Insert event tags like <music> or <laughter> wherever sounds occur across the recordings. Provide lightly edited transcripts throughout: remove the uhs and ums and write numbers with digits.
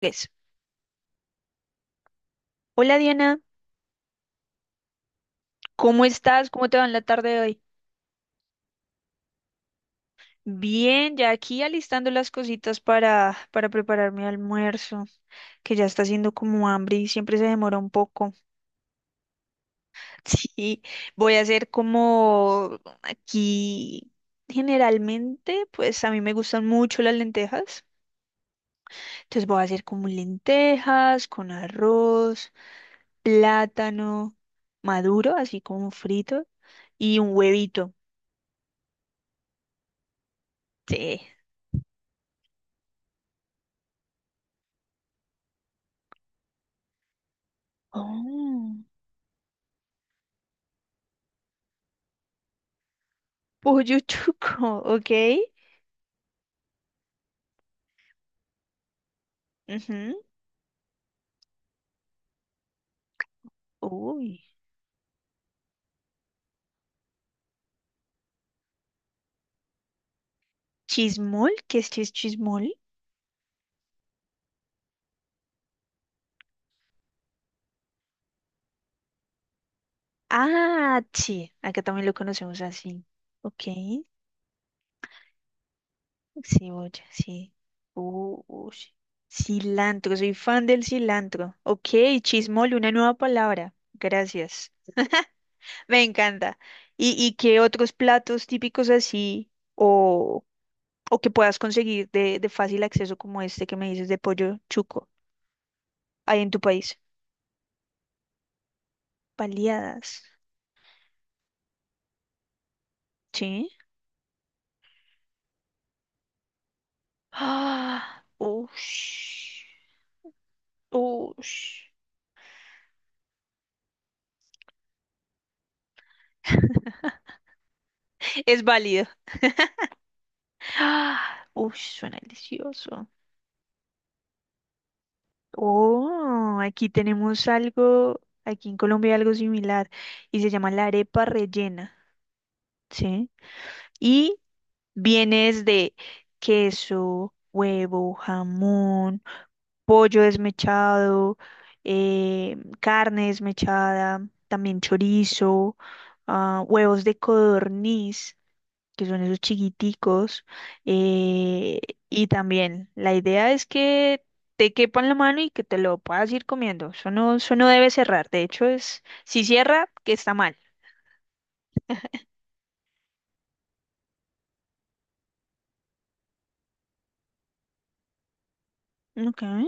Tres. Hola Diana, ¿cómo estás? ¿Cómo te va en la tarde de hoy? Bien, ya aquí alistando las cositas para preparar mi almuerzo, que ya está haciendo como hambre y siempre se demora un poco. <laughs> Sí, voy a hacer como aquí generalmente, pues a mí me gustan mucho las lentejas. Entonces voy a hacer como lentejas con arroz, plátano maduro, así como frito, y un huevito. Sí. Oh. Pollo chuco, <laughs> ok. Ujú. Uy. Chismol, ¿qué es chismol? Ah, sí, acá también lo conocemos así. Ok. Cebolla, sí. Uy. Cilantro, soy fan del cilantro. Ok, chismol, una nueva palabra. Gracias. Me encanta. ¿Y qué otros platos típicos así o, o que puedas conseguir de fácil acceso como este que me dices de pollo chuco hay en tu país? Paliadas. Sí. Ah, ush, ush. <laughs> Es válido. Ah, uy, suena delicioso. Oh, aquí tenemos algo, aquí en Colombia hay algo similar y se llama la arepa rellena, ¿sí? Y vienes de queso, huevo, jamón, pollo desmechado, carne desmechada, también chorizo, ah, huevos de codorniz, que son esos chiquiticos. eh, y también la idea es que te quepa en la mano y que te lo puedas ir comiendo. Eso no debe cerrar. De hecho, es, si cierra, que está mal. Okay.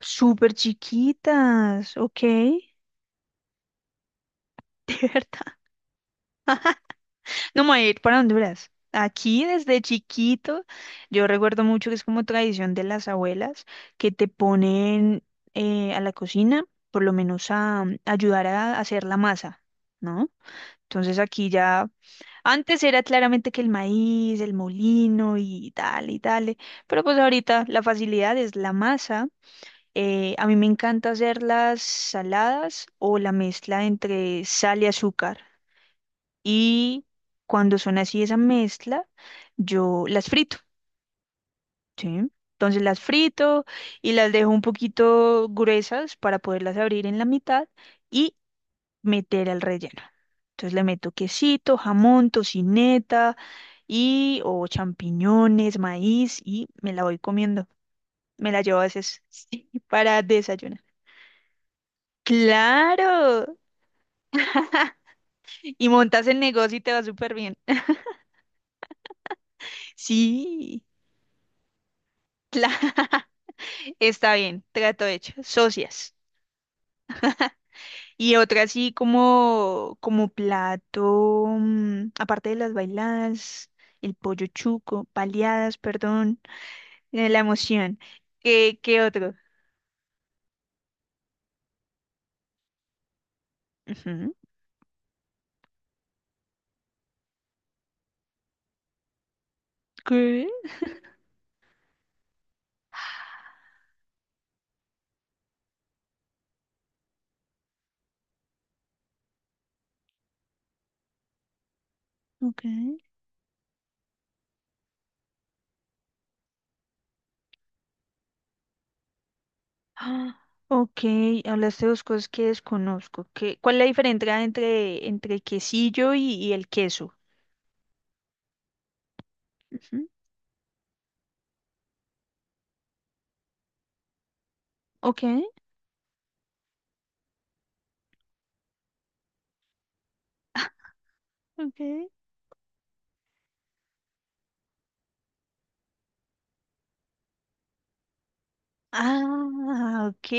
Súper chiquitas, ok. <laughs> De verdad. No me voy a ir para Honduras. Aquí desde chiquito, yo recuerdo mucho que es como tradición de las abuelas que te ponen a la cocina, por lo menos a ayudar a hacer la masa, ¿no? Entonces aquí ya, antes era claramente que el maíz, el molino y tal, pero pues ahorita la facilidad es la masa. A mí me encanta hacer las saladas o la mezcla entre sal y azúcar y cuando son así esa mezcla, yo las frito, ¿sí? Entonces las frito y las dejo un poquito gruesas para poderlas abrir en la mitad y meter al relleno. Entonces le meto quesito, jamón, tocineta y o champiñones, maíz y me la voy comiendo. Me la llevo a veces <laughs> sí, para desayunar. Claro, y montas el negocio y te va súper bien. <laughs> Sí, claro. Está bien, trato hecho. Socias. Y otra así como, como plato, aparte de las bailadas, el pollo chuco, baleadas, perdón, la emoción. ¿Qué otro? Ujú. ¿Qué? Ok. Ah, ok, hablaste de dos cosas que desconozco. ¿Qué, cuál es la diferencia entre quesillo y el queso? Ujú. Ok. <laughs> Ok. Ah, ok.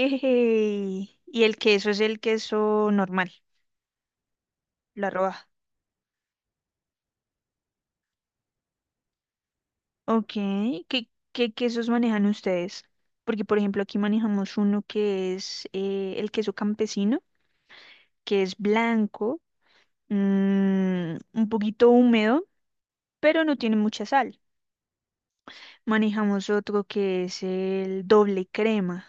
Y el queso es el queso normal, la roja. Ok. ¿Qué quesos manejan ustedes? Porque, por ejemplo, aquí manejamos uno que es el queso campesino, que es blanco, mm, un poquito húmedo, pero no tiene mucha sal. Manejamos otro que es el doble crema,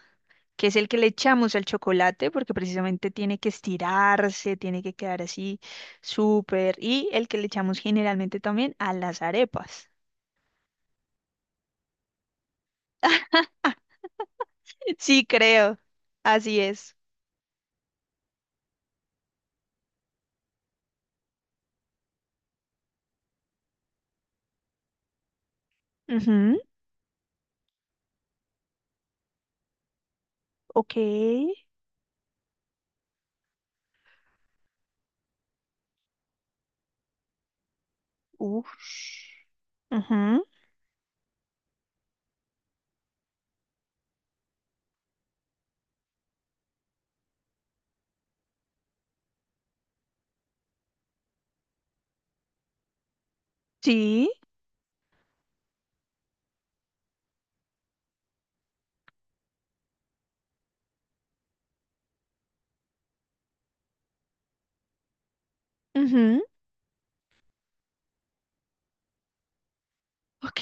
que es el que le echamos al chocolate porque precisamente tiene que estirarse, tiene que quedar así súper, y el que le echamos generalmente también a las arepas. <laughs> Sí, creo, así es. Ujú, ok, uff, sí, ujú, ok.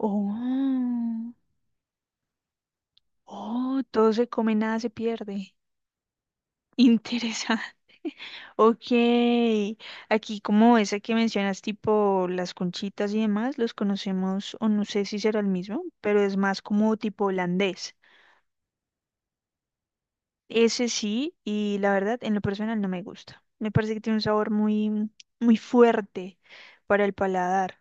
Oh, oh, todo se come, nada se pierde. Interesante. <laughs> Ok. Aquí como esa que mencionas, tipo las conchitas y demás, los conocemos, o no sé si será el mismo, pero es más como tipo holandés. Ese sí, y la verdad, en lo personal no me gusta. Me parece que tiene un sabor muy, muy fuerte para el paladar.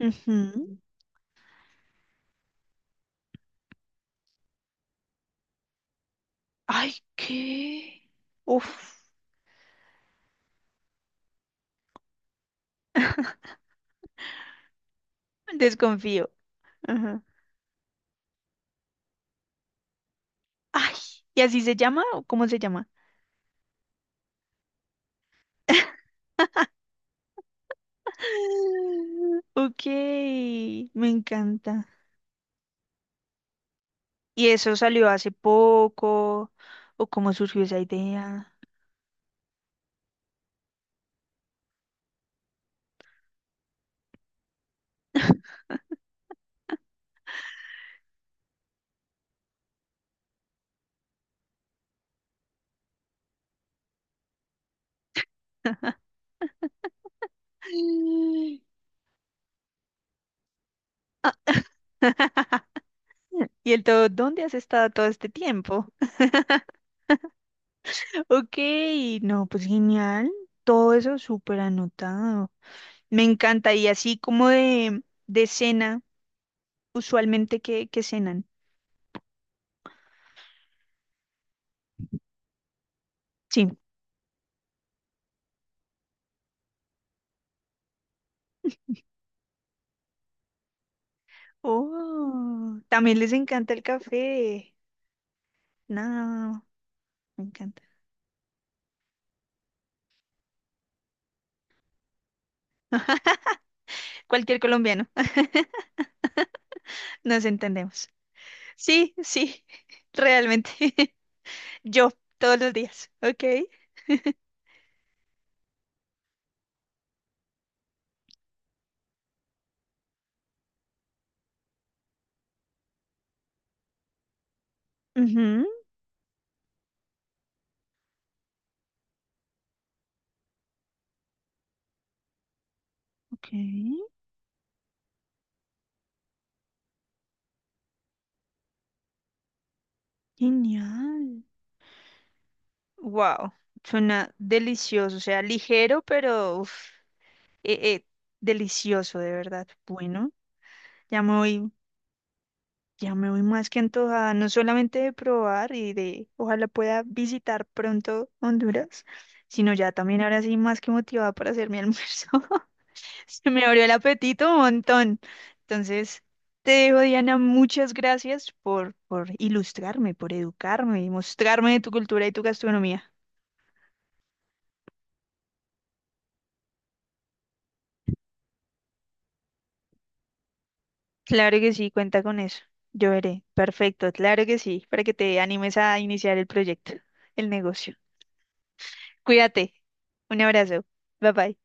Ujú. Ay, ¿qué? Uf, desconfío. Ajá. Ay, ¿y así se llama o cómo se llama? <laughs> Ok, me encanta. ¿Y eso salió hace poco? ¿O cómo surgió esa idea? <laughs> Ah, <laughs> Y el todo, ¿dónde has estado todo este tiempo? <laughs> Ok, no, pues genial. Todo eso súper anotado. Me encanta. Y así como de cena, usualmente que, cenan. Sí. Oh, también les encanta el café. No, me encanta. Cualquier colombiano. Nos entendemos. Sí, sí, <laughs> realmente. <laughs> Yo, todos los días. Ok. Ujú, ok. Genial. Wow. Suena delicioso. O sea, ligero, pero uf, eh, eh, delicioso, de verdad. Bueno, ya me voy, ya me voy más que antojada, no solamente de probar y de ojalá pueda visitar pronto Honduras, sino ya también ahora sí más que motivada para hacer mi almuerzo. <laughs> <laughs> Se me abrió el apetito un montón. Entonces, te dejo, Diana, muchas gracias por ilustrarme, por educarme y mostrarme tu cultura y tu gastronomía. Claro que sí, cuenta con eso. Yo veré. Perfecto, claro que sí, para que te animes a iniciar el proyecto, el negocio. Cuídate. Un abrazo. Bye bye.